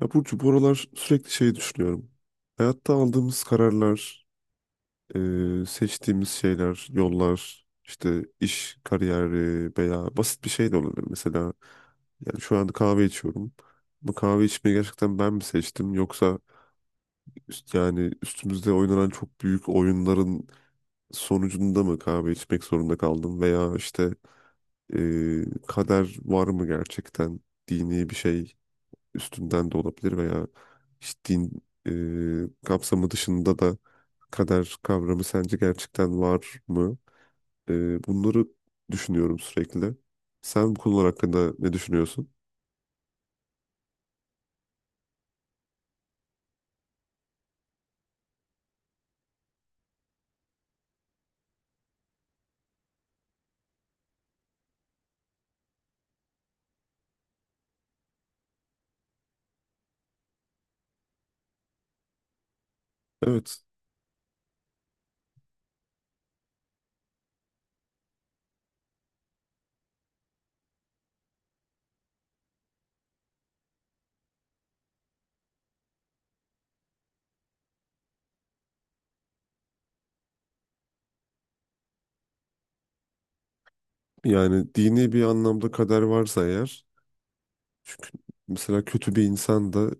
Ya Burcu bu aralar sürekli şey düşünüyorum. Hayatta aldığımız kararlar, seçtiğimiz şeyler, yollar, işte iş, kariyeri veya basit bir şey de olabilir. Mesela yani şu anda kahve içiyorum. Bu kahve içmeyi gerçekten ben mi seçtim yoksa yani üstümüzde oynanan çok büyük oyunların sonucunda mı kahve içmek zorunda kaldım veya işte kader var mı gerçekten, dini bir şey üstünden de olabilir veya işte din kapsamı dışında da kader kavramı sence gerçekten var mı? Bunları düşünüyorum sürekli. Sen bu konular hakkında ne düşünüyorsun? Evet. Yani dini bir anlamda kader varsa eğer, çünkü mesela kötü bir insan da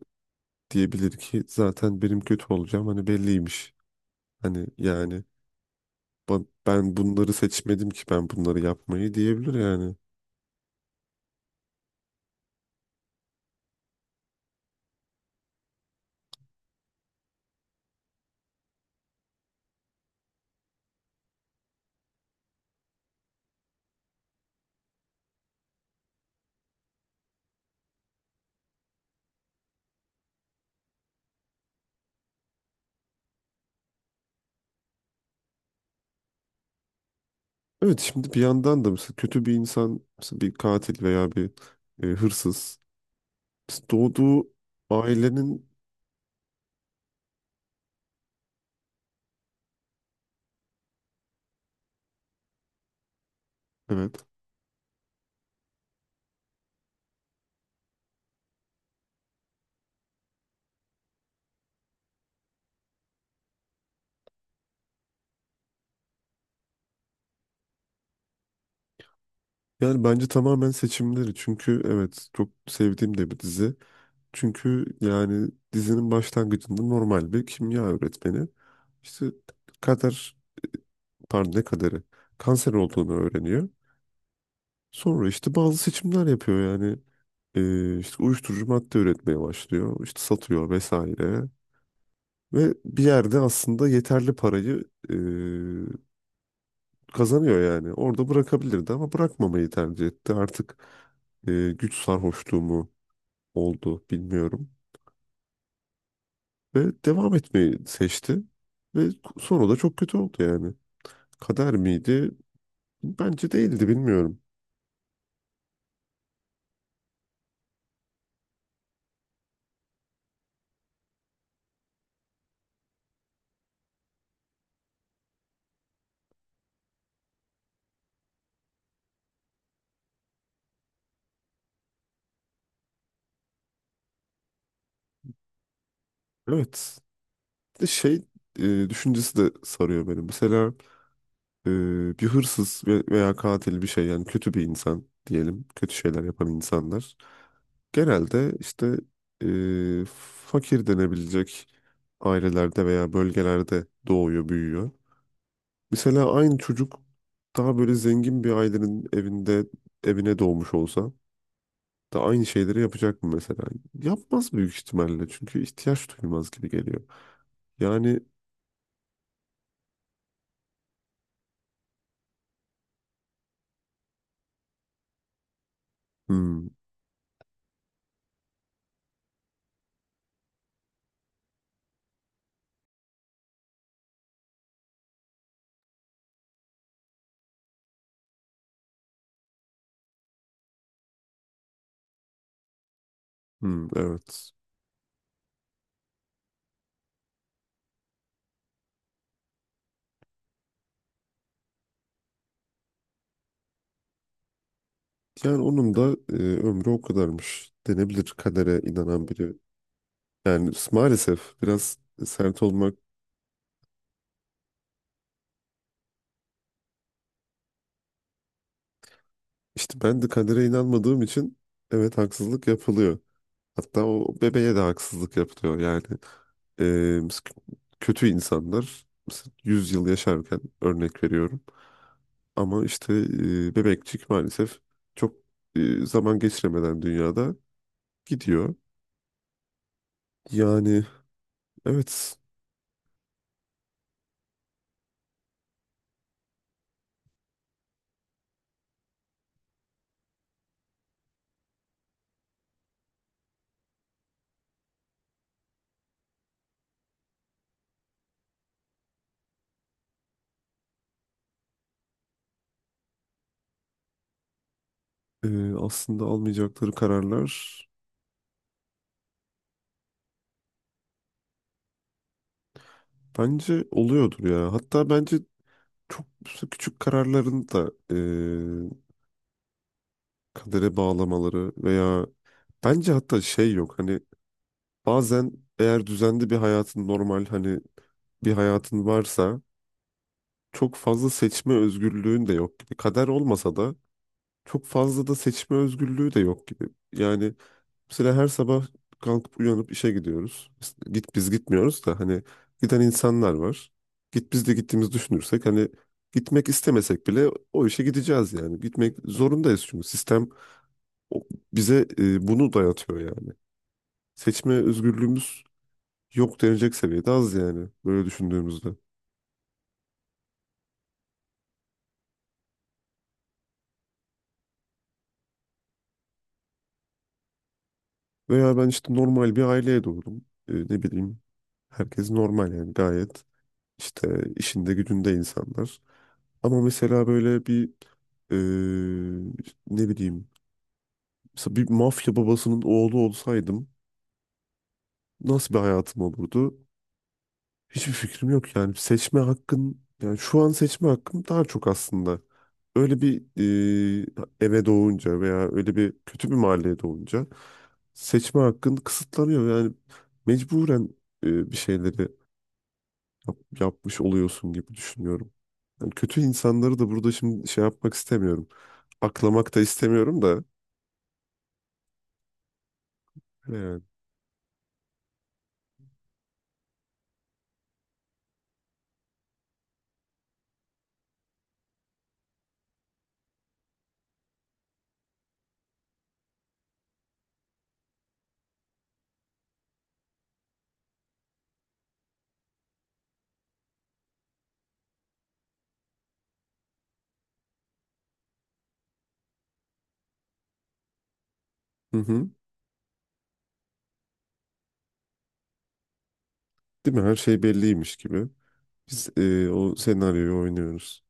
diyebilir ki zaten benim kötü olacağım hani belliymiş. Hani yani ben bunları seçmedim ki, ben bunları yapmayı diyebilir yani. Evet, şimdi bir yandan da mesela kötü bir insan, mesela bir katil veya bir hırsız, mesela doğduğu ailenin, evet yani bence tamamen seçimleri, çünkü evet çok sevdiğim de bir dizi. Çünkü yani dizinin başlangıcında normal bir kimya öğretmeni işte kader pardon ne kaderi kanser olduğunu öğreniyor. Sonra işte bazı seçimler yapıyor yani. İşte uyuşturucu madde üretmeye başlıyor, işte satıyor vesaire. Ve bir yerde aslında yeterli parayı e, kazanıyor yani. Orada bırakabilirdi ama bırakmamayı tercih etti. Artık güç sarhoşluğu mu oldu bilmiyorum. Ve devam etmeyi seçti. Ve sonra da çok kötü oldu yani. Kader miydi? Bence değildi, bilmiyorum. Evet. Bir de şey düşüncesi de sarıyor beni. Mesela e, bir hırsız veya katil bir şey, yani kötü bir insan diyelim. Kötü şeyler yapan insanlar. Genelde işte e, fakir denebilecek ailelerde veya bölgelerde doğuyor, büyüyor. Mesela aynı çocuk daha böyle zengin bir ailenin evinde, evine doğmuş olsa da aynı şeyleri yapacak mı mesela? Yapmaz büyük ihtimalle çünkü ihtiyaç duyulmaz gibi geliyor. Yani. Hmm, hmm, evet. Yani onun da ömrü o kadarmış denebilir kadere inanan biri. Yani maalesef biraz sert olmak. İşte ben de kadere inanmadığım için evet haksızlık yapılıyor. Hatta o bebeğe de haksızlık yapılıyor. Yani e, s- kötü insanlar mesela 100 yıl yaşarken, örnek veriyorum. Ama işte bebekçik maalesef çok zaman geçiremeden dünyada gidiyor. Yani evet. Aslında almayacakları kararlar bence oluyordur ya. Hatta bence çok küçük kararların da kadere bağlamaları veya, bence hatta şey yok hani bazen eğer düzenli bir hayatın, normal hani bir hayatın varsa çok fazla seçme özgürlüğün de yok gibi. Kader olmasa da çok fazla da seçme özgürlüğü de yok gibi. Yani mesela her sabah kalkıp uyanıp işe gidiyoruz. Git, biz gitmiyoruz da hani giden insanlar var. Git biz de gittiğimizi düşünürsek hani gitmek istemesek bile o işe gideceğiz yani. Gitmek zorundayız çünkü sistem o- bize bunu dayatıyor yani. Seçme özgürlüğümüz yok denilecek seviyede az yani böyle düşündüğümüzde. Veya ben işte normal bir aileye doğdum. E, ne bileyim, herkes normal, yani gayet işte işinde gücünde insanlar. Ama mesela böyle bir e, ne bileyim, mesela bir mafya babasının oğlu olsaydım nasıl bir hayatım olurdu? Hiçbir fikrim yok yani. Seçme hakkın, yani şu an seçme hakkım daha çok aslında. Öyle bir eve doğunca veya öyle bir kötü bir mahalleye doğunca seçme hakkın kısıtlanıyor. Yani mecburen bir şeyleri yapmış oluyorsun gibi düşünüyorum. Yani kötü insanları da burada şimdi şey yapmak istemiyorum. Aklamak da istemiyorum da. Öyle yani. Hı hı. Değil mi? Her şey belliymiş gibi. Biz o senaryoyu oynuyoruz.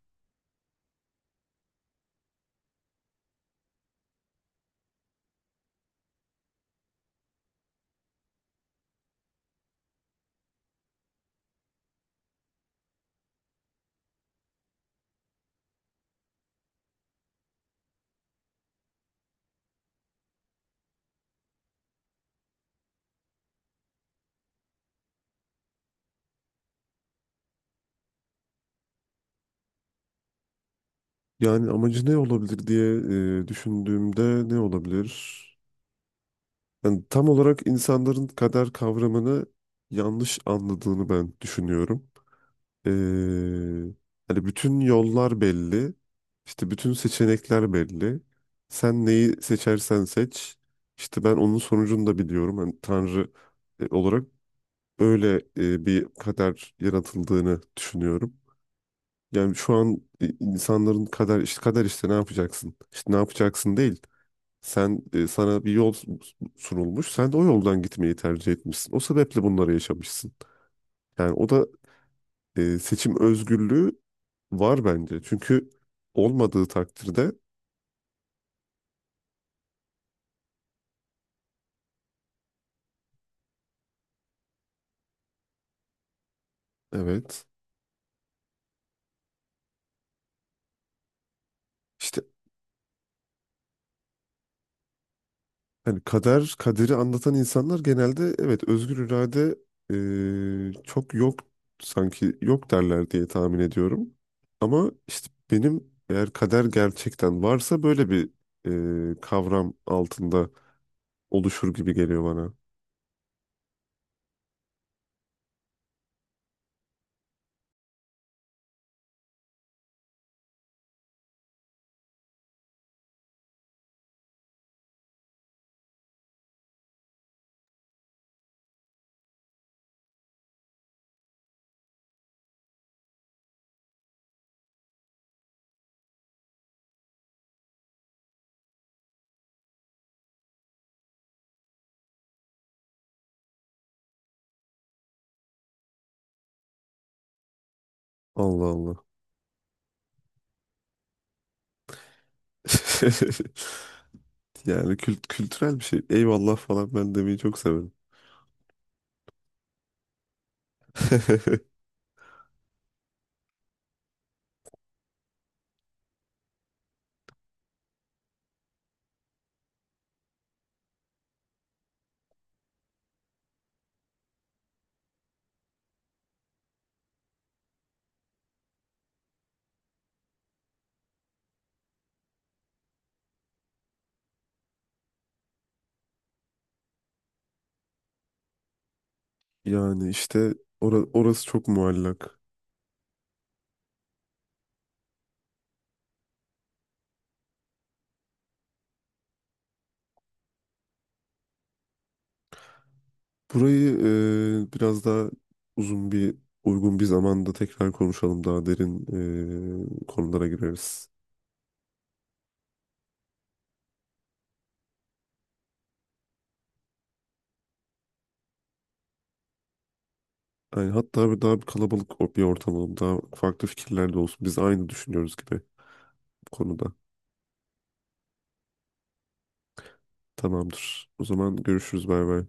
Yani amacı ne olabilir diye düşündüğümde ne olabilir? Yani tam olarak insanların kader kavramını yanlış anladığını ben düşünüyorum. Ee, Hani bütün yollar belli, işte bütün seçenekler belli. Sen neyi seçersen seç, işte ben onun sonucunu da biliyorum. Hani Tanrı olarak öyle bir kader yaratıldığını düşünüyorum. Yani şu an insanların kader işte kader işte ne yapacaksın? İşte ne yapacaksın değil. Sen sana bir yol sunulmuş. Sen de o yoldan gitmeyi tercih etmişsin. O sebeple bunları yaşamışsın. Yani o da seçim özgürlüğü var bence. Çünkü olmadığı takdirde evet, işte hani kader, kaderi anlatan insanlar genelde evet özgür irade çok yok, sanki yok derler diye tahmin ediyorum. Ama işte benim, eğer kader gerçekten varsa böyle bir kavram altında oluşur gibi geliyor bana. Allah Allah. Yani kültürel bir şey. Eyvallah falan ben demeyi çok severim. Yani işte orası çok muallak. Burayı biraz daha uzun bir, uygun bir zamanda tekrar konuşalım. Daha derin konulara gireriz. Yani hatta bir daha bir kalabalık bir ortam olalım. Daha farklı fikirler de olsun. Biz aynı düşünüyoruz gibi bu konuda. Tamamdır. O zaman görüşürüz. Bay bay.